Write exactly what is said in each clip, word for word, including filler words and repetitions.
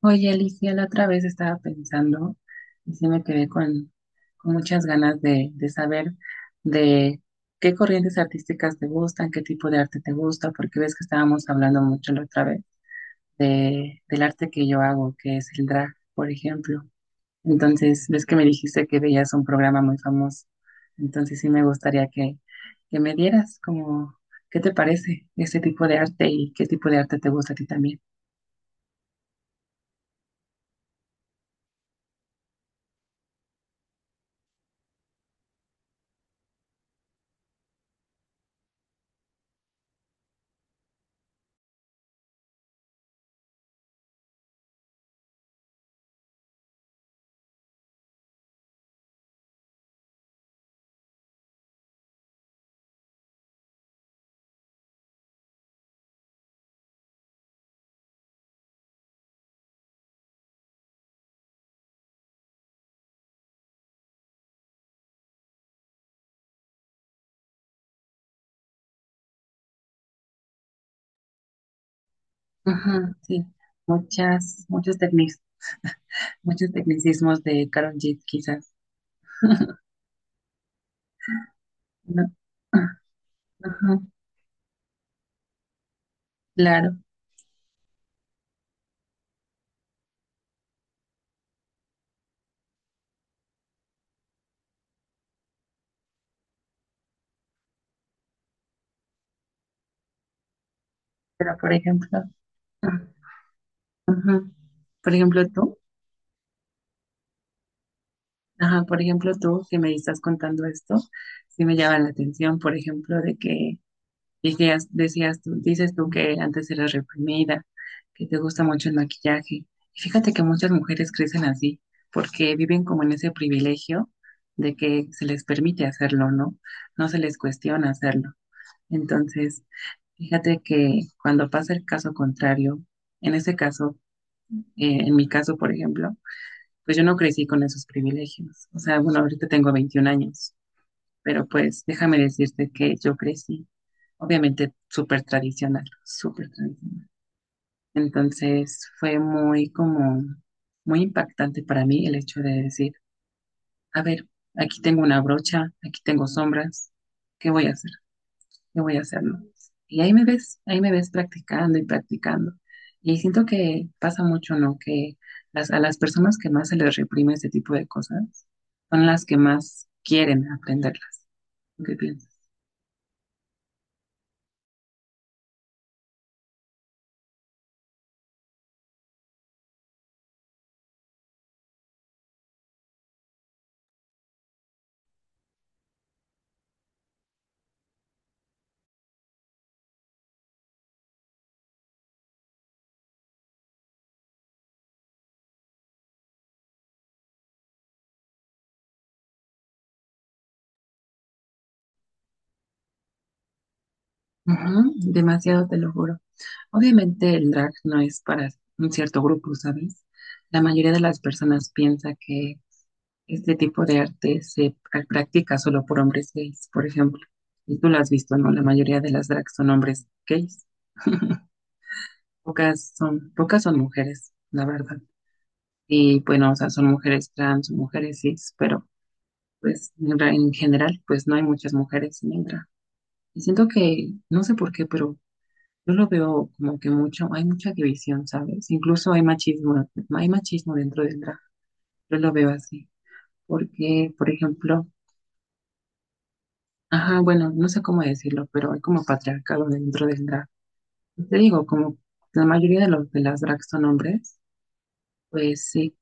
Oye, Alicia, la otra vez estaba pensando y sí me quedé con, con muchas ganas de, de saber de qué corrientes artísticas te gustan, qué tipo de arte te gusta, porque ves que estábamos hablando mucho la otra vez de, del arte que yo hago, que es el drag, por ejemplo. Entonces, ves que me dijiste que veías un programa muy famoso. Entonces, sí me gustaría que, que me dieras como, ¿qué te parece ese tipo de arte y qué tipo de arte te gusta a ti también? Ajá, sí, muchas, muchos tecnic, muchos tecnicismos de Karol G, quizás, ¿no? Ah, Ajá, claro, pero por ejemplo, ah, ajá, por ejemplo tú, ajá, por ejemplo tú que me estás contando esto, sí me llama la atención, por ejemplo, de que Decías, decías tú, dices tú que antes eras reprimida, que te gusta mucho el maquillaje. Y fíjate que muchas mujeres crecen así, porque viven como en ese privilegio de que se les permite hacerlo, ¿no? No se les cuestiona hacerlo. Entonces, fíjate que cuando pasa el caso contrario, en ese caso, eh, en mi caso, por ejemplo, pues yo no crecí con esos privilegios. O sea, bueno, ahorita tengo veintiún años, pero pues déjame decirte que yo crecí obviamente súper tradicional, súper tradicional. Entonces fue muy como, muy impactante para mí el hecho de decir, a ver, aquí tengo una brocha, aquí tengo sombras, ¿qué voy a hacer? ¿Qué voy a hacer? ¿no? Y ahí me ves, ahí me ves practicando y practicando. Y siento que pasa mucho, ¿no? Que las, a las personas que más se les reprime este tipo de cosas son las que más quieren aprenderlas. ¿Tú ¿qué piensas? Ujú, demasiado, te lo juro. Obviamente el drag no es para un cierto grupo, ¿sabes? La mayoría de las personas piensa que este tipo de arte se pra- practica solo por hombres gays, por ejemplo. Y tú lo has visto, ¿no? La mayoría de las drags son hombres gays. Pocas son, pocas son mujeres, la verdad. Y bueno, o sea, son mujeres trans, mujeres cis, pero pues en ra- en general, pues no hay muchas mujeres en el drag. Y siento que, no sé por qué, pero yo lo veo como que mucho, hay mucha división, ¿sabes? Incluso hay machismo, hay machismo dentro del drag. Yo lo veo así, porque, por ejemplo, ajá, bueno, no sé cómo decirlo, pero hay como patriarcado dentro del drag. Te digo, como la mayoría de los de las drag son hombres, pues sí,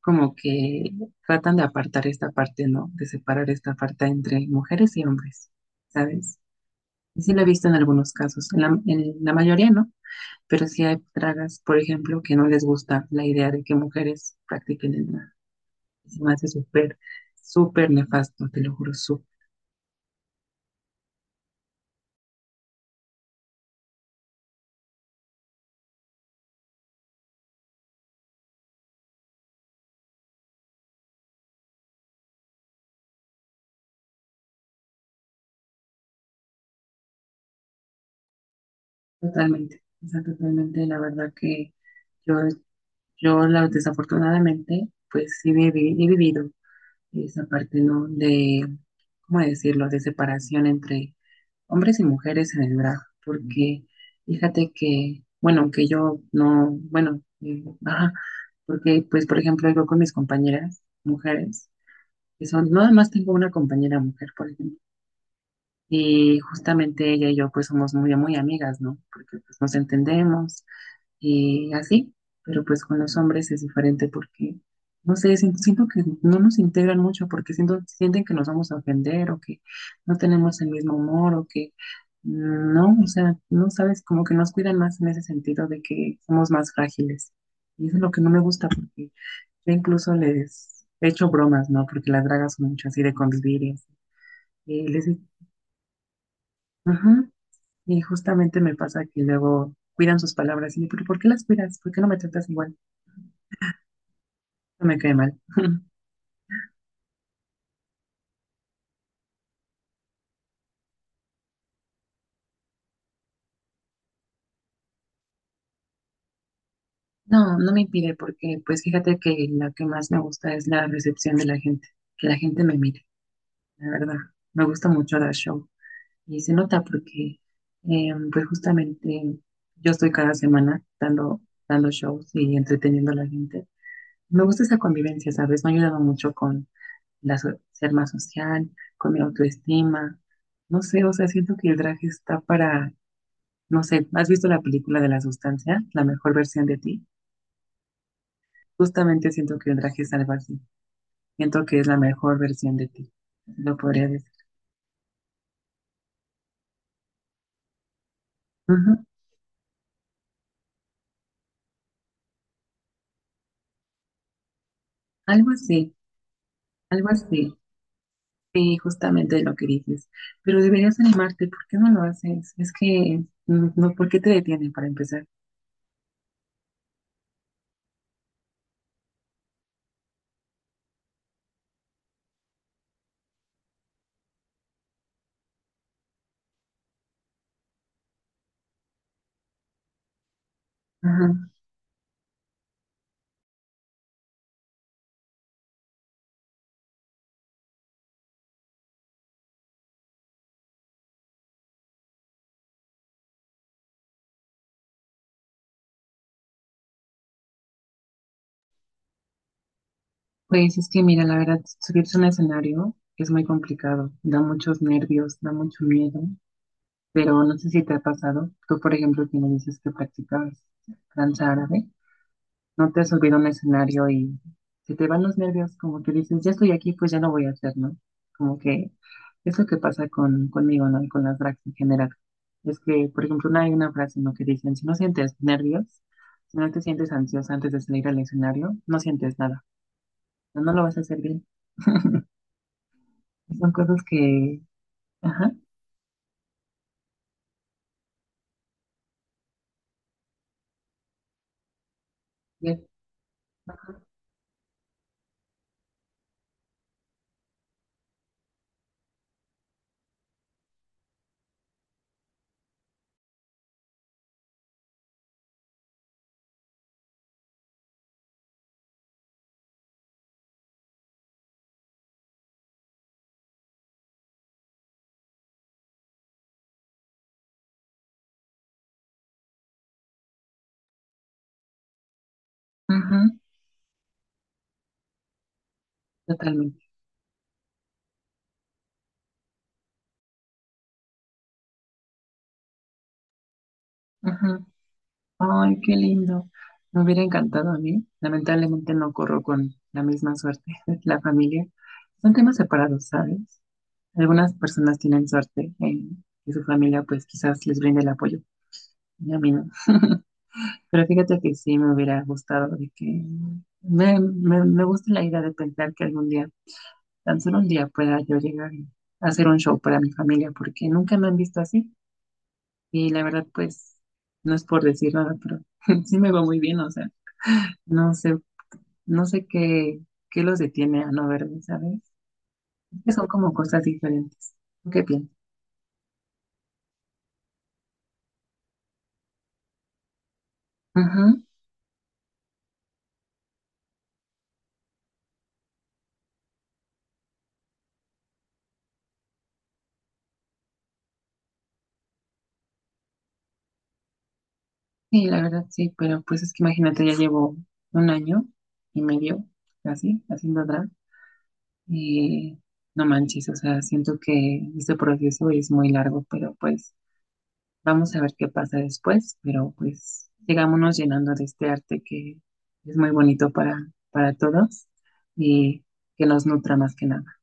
como que tratan de apartar esta parte, ¿no? De separar esta parte entre mujeres y hombres, ¿sabes? Y sí lo he visto en algunos casos, en la, en la mayoría, ¿no? Pero sí hay dragas, por ejemplo, que no les gusta la idea de que mujeres practiquen el drag. Se me hace súper, súper nefasto, te lo juro, súper. Totalmente, o sea, totalmente. La verdad que yo, yo la, desafortunadamente, pues sí viví- he vivido esa parte, ¿no? De, ¿cómo decirlo? De separación entre hombres y mujeres en el drag. Porque fíjate que, bueno, que yo no, bueno, eh, ajá, porque, pues, por ejemplo, yo con mis compañeras, mujeres, eso, nada más tengo una compañera mujer, por ejemplo, y justamente ella y yo pues somos muy, muy amigas, ¿no? Porque pues nos entendemos y así, pero pues con los hombres es diferente porque, no sé, siento, siento que no nos integran mucho porque siento, sienten que nos vamos a ofender o que no tenemos el mismo humor o que, mm, no, o sea, no sabes, como que nos cuidan más en ese sentido de que somos más frágiles. Y eso es lo que no me gusta porque yo incluso les he hecho bromas, ¿no? Porque las dragas son mucho así de convivir y así. Y les digo, ajá. Y justamente me pasa que luego cuidan sus palabras y yo, pero ¿por qué las cuidas? ¿Por qué no me tratas igual? No me cae mal. No, no me impide porque pues fíjate que lo que más me gusta es la recepción de la gente, que la gente me mire, la verdad. Me gusta mucho dar show y se nota porque eh, pues justamente yo estoy cada semana dando, dando shows y entreteniendo a la gente. Me gusta esa convivencia, ¿sabes? Me ha ayudado mucho con la so- ser más social, con mi autoestima. No sé, o sea, siento que el drag está para, no sé, ¿has visto la película de la sustancia, la mejor versión de ti? Justamente siento que el drag es algo así. Siento que es la mejor versión de ti. Lo podría decir. Ujú, algo así, algo así. Sí, justamente lo que dices. Pero deberías animarte, ¿por qué no lo haces? Es que, mm, no, ¿por qué te detienen para empezar? Pues es que mira, la verdad, subirse a un escenario es muy complicado, da muchos nervios, da mucho miedo, pero no sé si te ha pasado, tú por ejemplo que me dices que practicabas danza árabe, no te has subido a un escenario y se te van los nervios, como que dices, ya estoy aquí, pues ya no voy a hacer, ¿no? Como que es lo que pasa con, conmigo, ¿no? Y con las drags en general. Es que, por ejemplo, una- hay una frase, ¿no? Que dicen, si no sientes nervios, si no te sientes ansiosa antes de salir al escenario, no sientes nada, no no lo vas a hacer bien. Son cosas que, ajá, de- ujú, totalmente. Ujú. Ay, qué lindo. Me hubiera encantado a mí. Lamentablemente no corro con la misma suerte. La familia. Son temas separados, ¿sabes? Algunas personas tienen suerte en que su familia pues quizás les brinde el apoyo. Y a mí no. Pero fíjate que sí me hubiera gustado de que me, me, me gusta la idea de pensar que algún día, tan solo un día pueda yo llegar y hacer un show para mi familia, porque nunca me han visto así. Y la verdad, pues, no es por decir nada, pero sí me va muy bien, o sea, no sé, no sé qué, qué los detiene a no verme, ¿sabes? Que son como cosas diferentes. ¿Tú ¿qué piensas? Ujú, sí, la verdad, sí, pero pues es que imagínate, ya llevo un año y medio así, haciendo drag, y no manches, o sea, siento que este proceso es muy largo, pero pues vamos a ver qué pasa después, pero pues sigámonos llenando de este arte que es muy bonito para, para todos y que nos nutra más que nada.